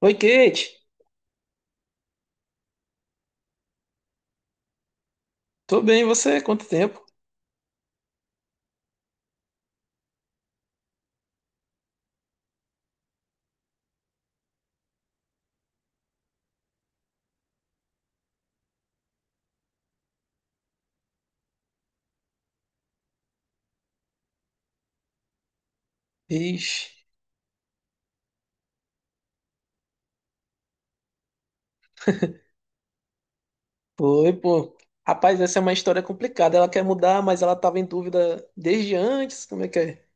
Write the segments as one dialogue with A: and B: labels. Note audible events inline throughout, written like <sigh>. A: Oi, Kate. Tô bem, e você? Quanto tempo? Ixi, foi, pô. Rapaz, essa é uma história complicada. Ela quer mudar, mas ela tava em dúvida desde antes. Como é que é?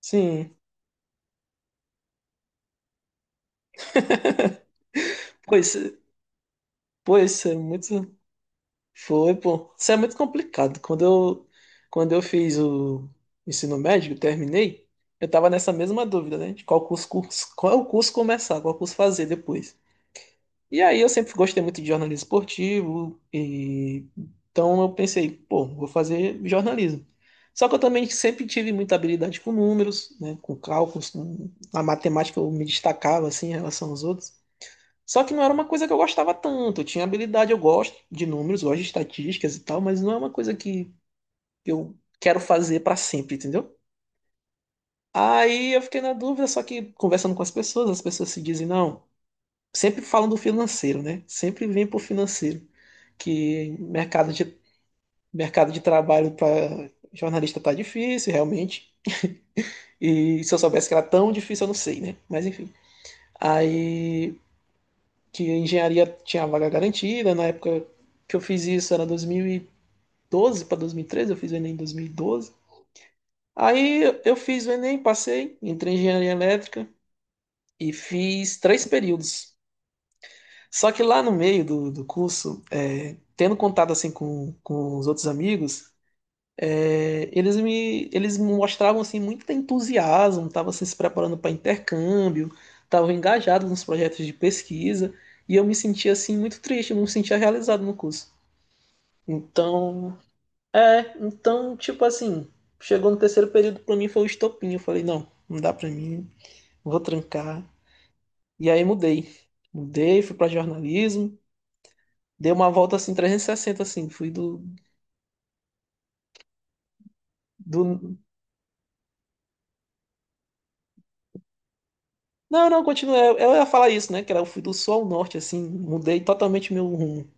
A: Sim. Pois, pois, é muito. Foi, pô. Isso é muito complicado. Quando eu fiz o ensino médio, eu terminei, eu tava nessa mesma dúvida, né? De qual curso, curso, qual curso começar, qual curso fazer depois. E aí eu sempre gostei muito de jornalismo esportivo, e então eu pensei, pô, vou fazer jornalismo. Só que eu também sempre tive muita habilidade com números, né, com cálculos, com a matemática, eu me destacava assim em relação aos outros. Só que não era uma coisa que eu gostava tanto. Eu tinha habilidade, eu gosto de números, gosto de estatísticas e tal, mas não é uma coisa que eu quero fazer para sempre, entendeu? Aí eu fiquei na dúvida, só que conversando com as pessoas se dizem, não, sempre falam do financeiro, né? Sempre vem pro financeiro. que mercado de, mercado de trabalho para jornalista tá difícil, realmente. E se eu soubesse que era tão difícil, eu não sei, né? Mas enfim. Aí que a engenharia tinha a vaga garantida, na época que eu fiz isso era 2012 para 2013, eu fiz o Enem em 2012. Aí eu fiz o Enem, passei, entrei em engenharia elétrica e fiz 3 períodos. Só que lá no meio do curso, é, tendo contato assim com os outros amigos, é, eles mostravam assim muito entusiasmo, estavam se preparando para intercâmbio, estavam engajados nos projetos de pesquisa e eu me sentia assim muito triste, eu não me sentia realizado no curso. Então, é, então tipo assim, chegou no terceiro período, para mim foi o estopim, eu falei não, não dá para mim, vou trancar. E aí mudei, mudei, fui para jornalismo, dei uma volta assim 360 assim, fui do, do. Não, não, continua. Eu ia falar isso, né? Que era eu fui do sul ao norte, assim, mudei totalmente meu rumo.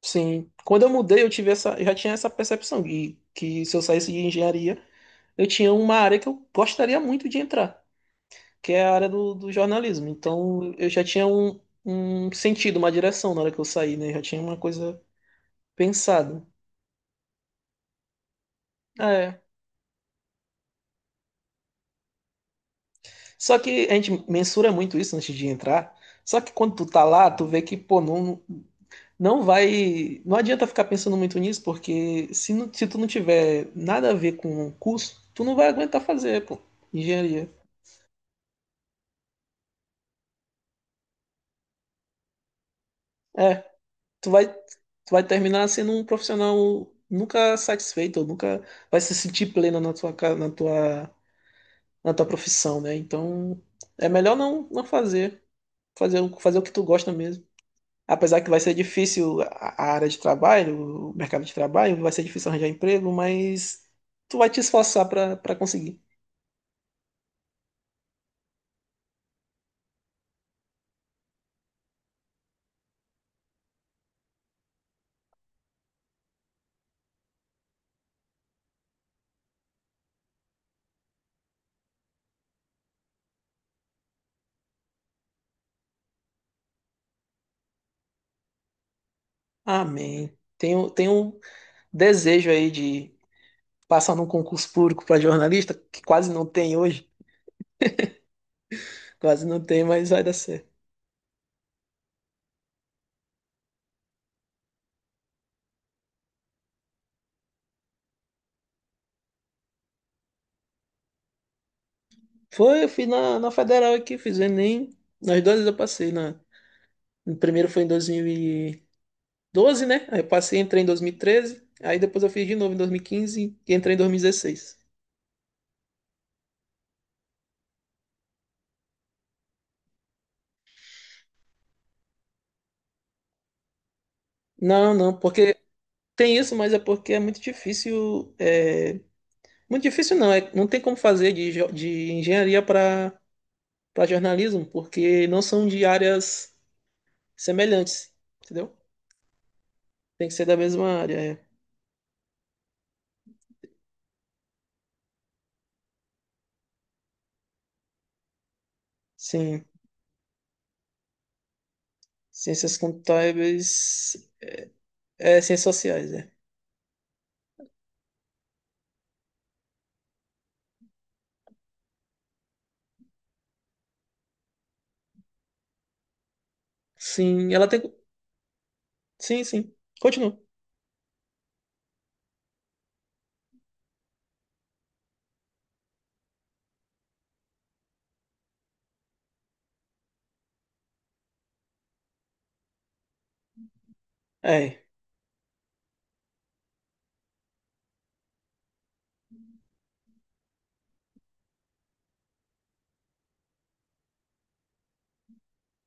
A: Sim. Quando eu mudei, eu tive essa, eu já tinha essa percepção de que se eu saísse de engenharia, eu tinha uma área que eu gostaria muito de entrar, que é a área do, do jornalismo. Então, eu já tinha um, um sentido, uma direção na hora que eu saí, né? Eu já tinha uma coisa pensada. É. Só que a gente mensura muito isso antes de entrar. Só que quando tu tá lá, tu vê que, pô, não. Não vai. Não adianta ficar pensando muito nisso, porque se, não- se tu não tiver nada a ver com o curso, tu não vai aguentar fazer, pô, engenharia. É, tu vai terminar sendo um profissional nunca satisfeito, ou nunca vai se sentir pleno na tua, ca- na tua profissão, né? Então, é melhor não, não fazer, fazer, o- fazer o que tu gosta mesmo. Apesar que vai ser difícil a área de trabalho, o mercado de trabalho, vai ser difícil arranjar emprego, mas tu vai te esforçar para conseguir. Amém. Tenho, tenho um desejo aí de passar num concurso público para jornalista, que quase não tem hoje, quase não tem, mas vai dar certo. Foi, eu fiz na, na Federal aqui, fiz o Enem, nas duas vezes eu passei, na, no primeiro foi em 2012, né? Aí eu passei, entrei em 2013. Aí depois eu fiz de novo em 2015 e entrei em 2016. Não, não, porque tem isso, mas é porque é, muito difícil não, é, não tem como fazer de, jo- de engenharia para jornalismo, porque não são de áreas semelhantes, entendeu? Tem que ser da mesma área, é. Sim. Ciências contábeis, é, ciências sociais, é. Sim, ela tem. Sim, sim. Continua. É,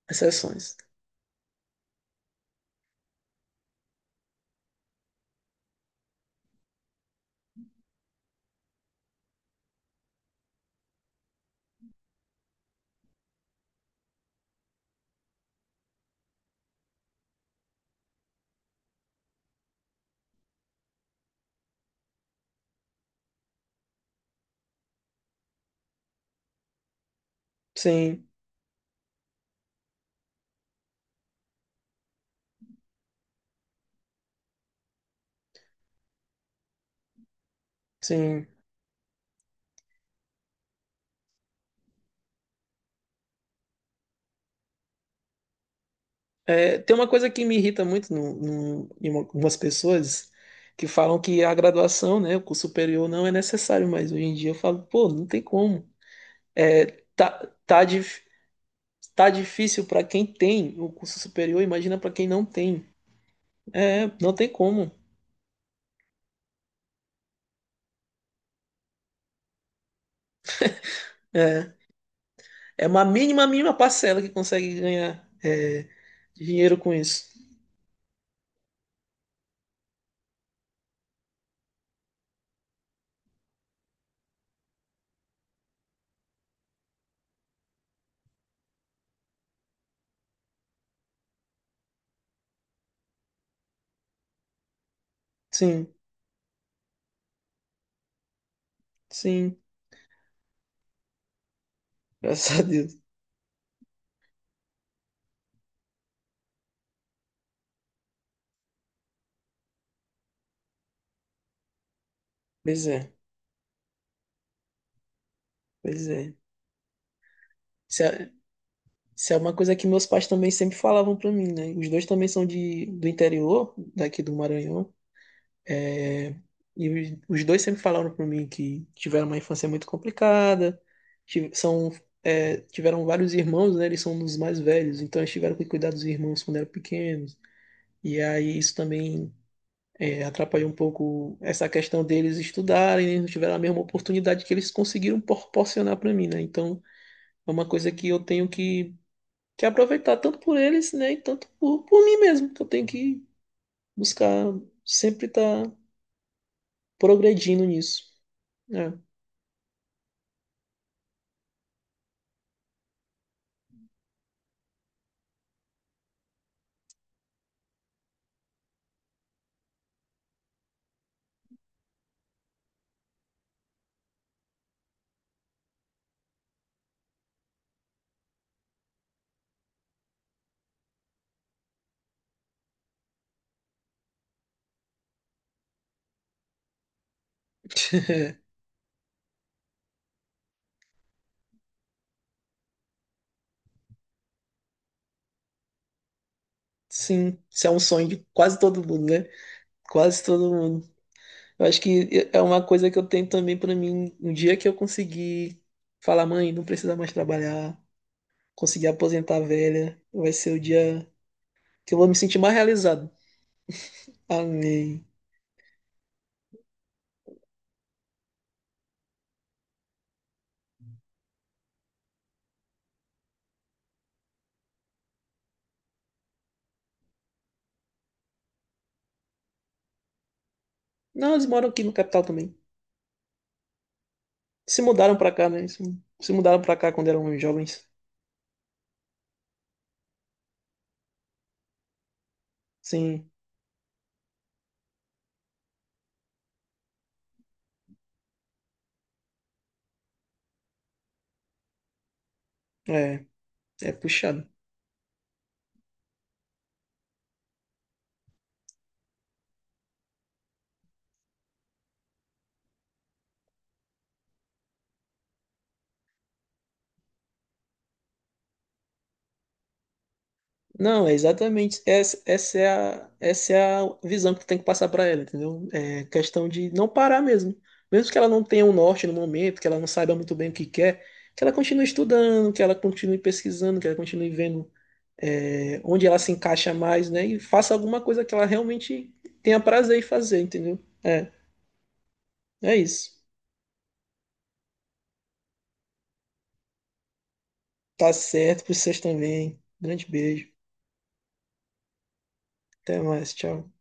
A: exceções. Sim, sim. É, tem uma coisa que me irrita muito no, no, em uma- algumas pessoas que falam que a graduação, né, o curso superior não é necessário, mas hoje em dia eu falo, pô, não tem como. É, tá, tá, de. Tá difícil para quem tem o curso superior, imagina para quem não tem. É, não tem como. É, é uma mínima, mínima parcela que consegue ganhar é, dinheiro com isso. Sim, sim, graças a Deus. Pois é, pois é. Isso é, isso é uma coisa que meus pais também sempre falavam para mim, né? Os dois também são de, do interior, daqui do Maranhão. E os dois sempre falaram para mim que tiveram uma infância muito complicada, tive- são, é, tiveram vários irmãos, né? Eles são um dos mais velhos, então eles tiveram que cuidar dos irmãos quando eram pequenos. E aí isso também é, atrapalhou um pouco essa questão deles estudarem, eles não tiveram a mesma oportunidade que eles conseguiram proporcionar para mim, né? Então é uma coisa que eu tenho que aproveitar tanto por eles, né? E tanto por mim mesmo, que eu tenho que buscar sempre estar progredindo nisso. Né? <laughs> Sim, isso é um sonho de quase todo mundo, né? Quase todo mundo. Eu acho que é uma coisa que eu tenho também pra mim. Um dia que eu conseguir falar, mãe, não precisa mais trabalhar, conseguir aposentar a velha, vai ser o dia que eu vou me sentir mais realizado. Amém. Não, eles moram aqui no capital também. Se mudaram pra cá, né? Se mudaram pra cá quando eram jovens. Sim, é, é puxado. Não, é exatamente. Essa, essa é a visão que tu tem que passar para ela, entendeu? É questão de não parar mesmo. Mesmo que ela não tenha um norte no momento, que ela não saiba muito bem o que quer, que ela continue estudando, que ela continue pesquisando, que ela continue vendo, é, onde ela se encaixa mais, né? E faça alguma coisa que ela realmente tenha prazer em fazer, entendeu? É, é isso. Tá certo para vocês também. Grande beijo. Até mais. Tchau.